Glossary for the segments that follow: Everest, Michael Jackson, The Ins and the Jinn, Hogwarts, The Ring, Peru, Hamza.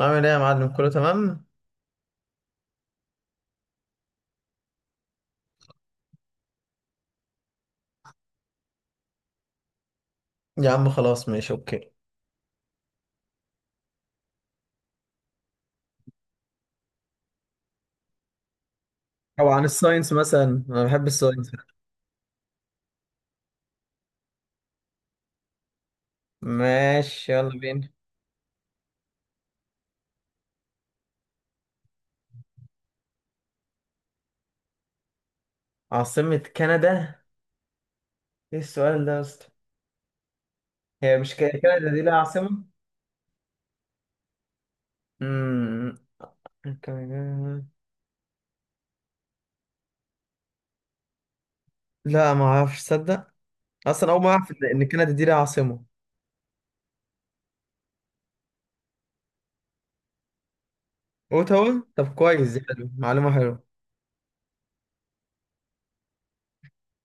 عامل ايه يا معلم؟ كله تمام. يا عم خلاص، ماشي اوكي. او عن الساينس مثلا، انا بحب الساينس. ماشي يلا بينا. عاصمة كندا؟ ايه السؤال ده يا اسطى؟ هي مش كندا دي لها عاصمة؟ امم. لا ما اعرفش تصدق. اصلا اول ما اعرف إن كندا دي لها عاصمة. اوتاوا؟ طب كويس، دي حلو، معلومة حلوة.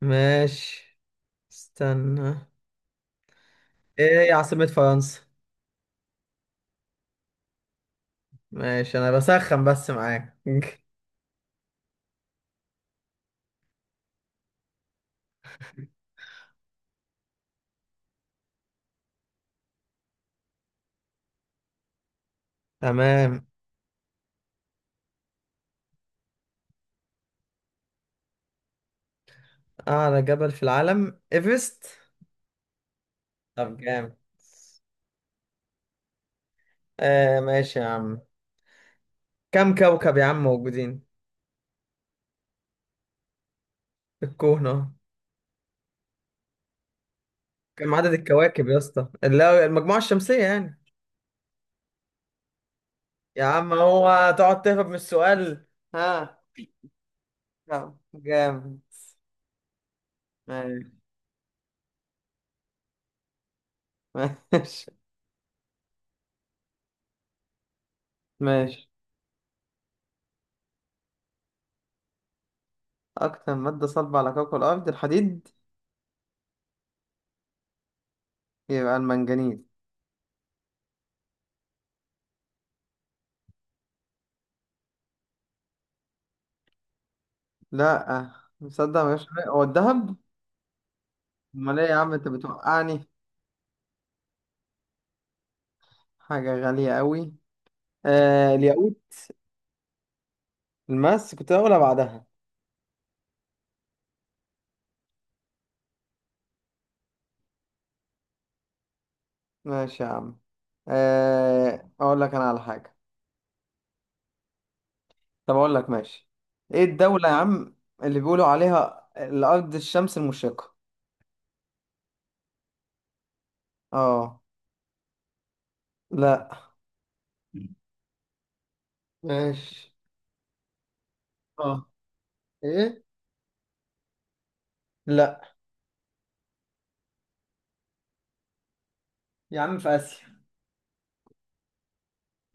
ماشي، استنى. ايه هي عاصمة فرنسا؟ ماشي انا بسخن بس معاك. تمام. أعلى جبل في العالم إيفرست. طب جامد. ماشي يا عم. كم كوكب يا عم موجودين؟ في الكون أهو. كم عدد الكواكب يا اسطى، اللي هو المجموعة الشمسية يعني؟ يا عم هو تقعد تهرب من السؤال! ها؟ طب جامد. ماشي، ماشي، ماشي. أكتر مادة صلبة على كوكب الأرض الحديد. يبقى المنجنيز. لأ. مصدق مش هو الذهب. أمال إيه يا عم أنت بتوقعني؟ حاجة غالية أوي. آه، الياقوت. الماس، كنت هقولها بعدها. ماشي يا عم. اقول لك انا على حاجة. طب اقول لك ماشي. ايه الدولة يا عم اللي بيقولوا عليها الارض الشمس المشرقة؟ اه. لا. ماشي. اه. ايه؟ لا يا عم، في اسيا.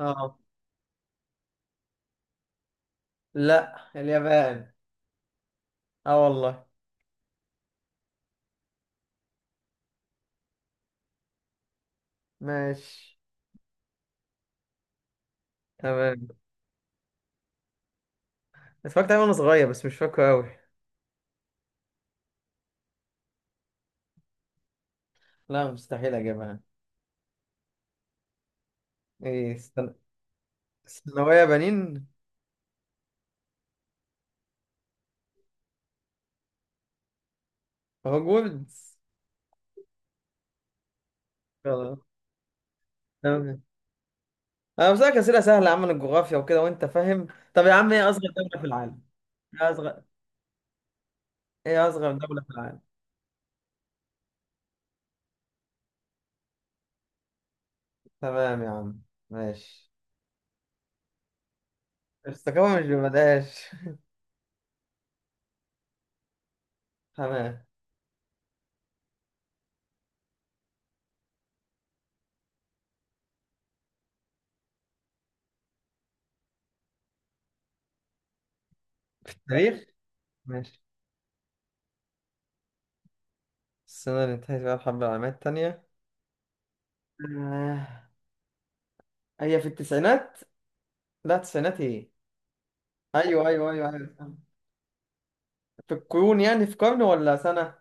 اه. لا، اليابان. اه والله. ماشي. تمام. اتفرجت عليها وانا صغير بس مش فاكره قوي. لا مستحيل اجيبها. ايه، استنى. ثانوية بنين. هوجوردز. خلاص. تمام. انا بسألك اسئله سهله يا عم عن الجغرافيا وكده وانت فاهم. طب يا عم، ايه اصغر دوله في العالم؟ ايه اصغر؟ ايه اصغر دوله في العالم؟ تمام يا عم، ماشي. الثقافه مش ببلاش. تمام. تاريخ. ماشي. السنه اللي انتهت فيها الحرب العالميه التانيه؟ آه، هي في التسعينات. لا التسعينات ايه. ايوه ايوه ايوه ايوه. في القرون يعني، في قرن ولا سنه؟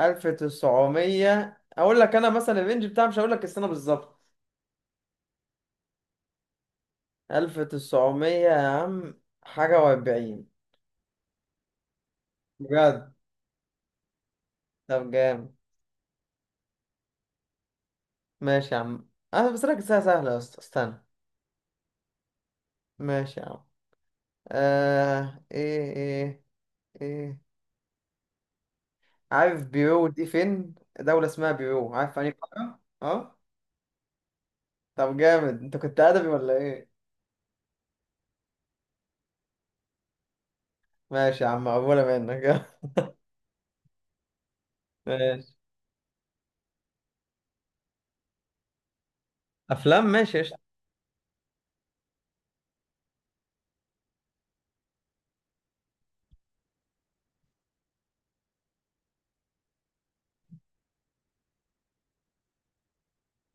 1900 اقول لك انا، مثلا الرينج بتاعها، مش هقول لك السنه بالظبط. 1900 يا عم حاجه و40. بجد؟ طب جامد. ماشي يا عم. انا بس لك الساعة سهلة يا اسطى، استنى. ماشي يا عم. ايه ايه. عارف بيرو دي فين؟ دولة اسمها بيرو، عارف في أنهي قارة؟ اه. طب جامد، انت كنت ادبي ولا ايه؟ ماشي يا عم، مقبولة منك. ماشي. افلام، ماشي قشطة.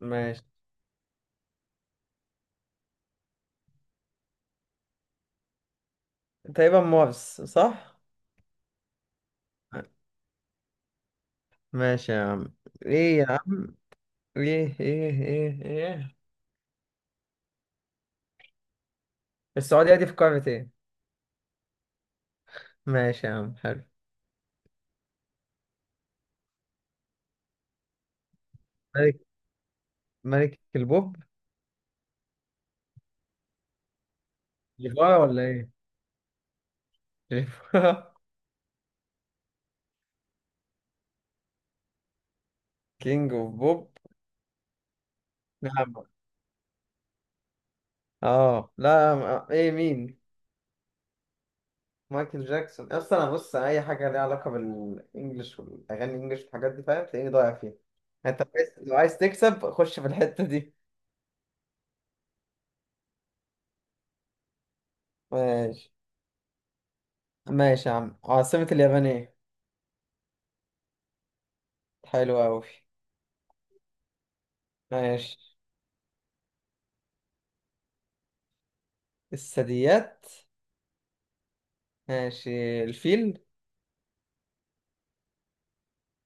ماشي. تقريبا مارس، صح؟ ماشي يا عم. ايه يا عم؟ ايه ايه. السعودية دي في قارة ايه؟ ماشي يا عم، حلو. ملك ملك البوب؟ جيفارا ولا ايه؟ كينج اوف بوب. نعم. اه، لا ما- ايه مين؟ مايكل جاكسون؟ اصلا انا بص، اي حاجه ليها علاقه بالانجلش والاغاني الانجلش والحاجات دي فاهم، تلاقيني ضايع فيها. انت عايز، لو عايز تكسب خش في الحته دي. ماشي. ماشي يا عم، عاصمه اليابان ايه؟ حلو قوي. ماشي. الثدييات. ماشي، الفيل.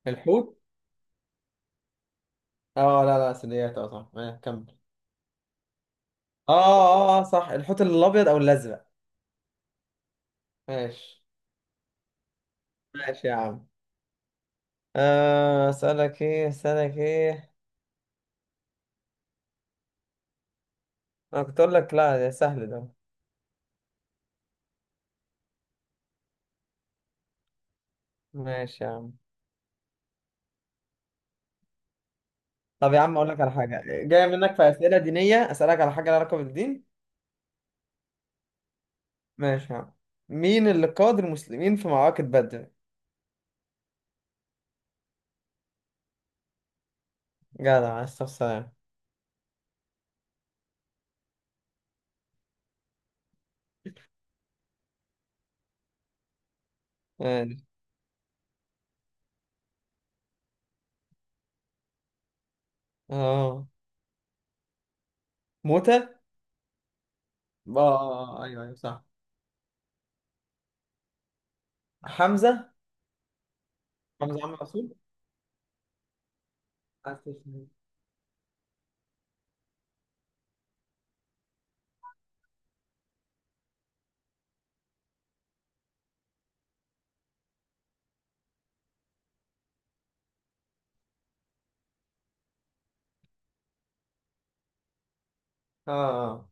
الحوت. اه لا لا، ثدييات، اه صح، كمل. صح، الحوت الابيض او الازرق. ماشي. ماشي يا عم. اسالك ايه؟ انا كنت اقول لك لا ده سهل ده. ماشي يا عم. طب يا عم اقول لك على حاجه جايه منك، في اسئله دينيه، اسالك على حاجه لها علاقه بالدين. ماشي يا عم. مين اللي قاد المسلمين في معركه بدر؟ جدع، عليه الصلاه والسلام. ماشي. اه. موته، اه. ايوه ايوه صح. حمزه. حمزه عم الرسول. اه. اه آه.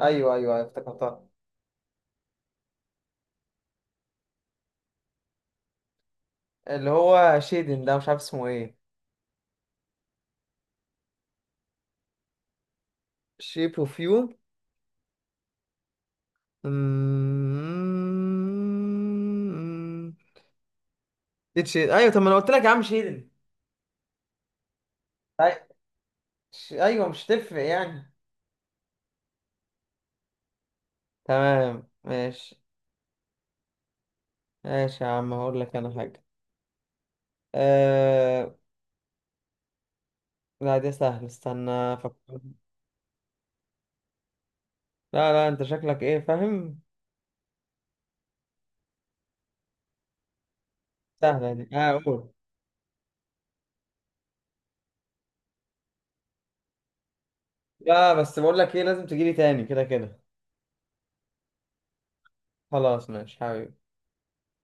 ايوه ايوه أيوة، افتكرتها. اللي هو شيدن ده، مش عارف اسمه ايه. شيب اوف يو. أمم. اتش، ايوه طب ما انا قلت لك يا عم شيلن. أي- ايوه مش تفرق يعني؟ تمام ماشي. ماشي يا عم هقول لك انا حاجه. أه... لا دي سهله، استنى افكر. لا لا، انت شكلك ايه فاهم. سهله دي، اه قول. لا بس بقول لك ايه، لازم تجيلي تاني كده كده. خلاص ماشي حبيبي.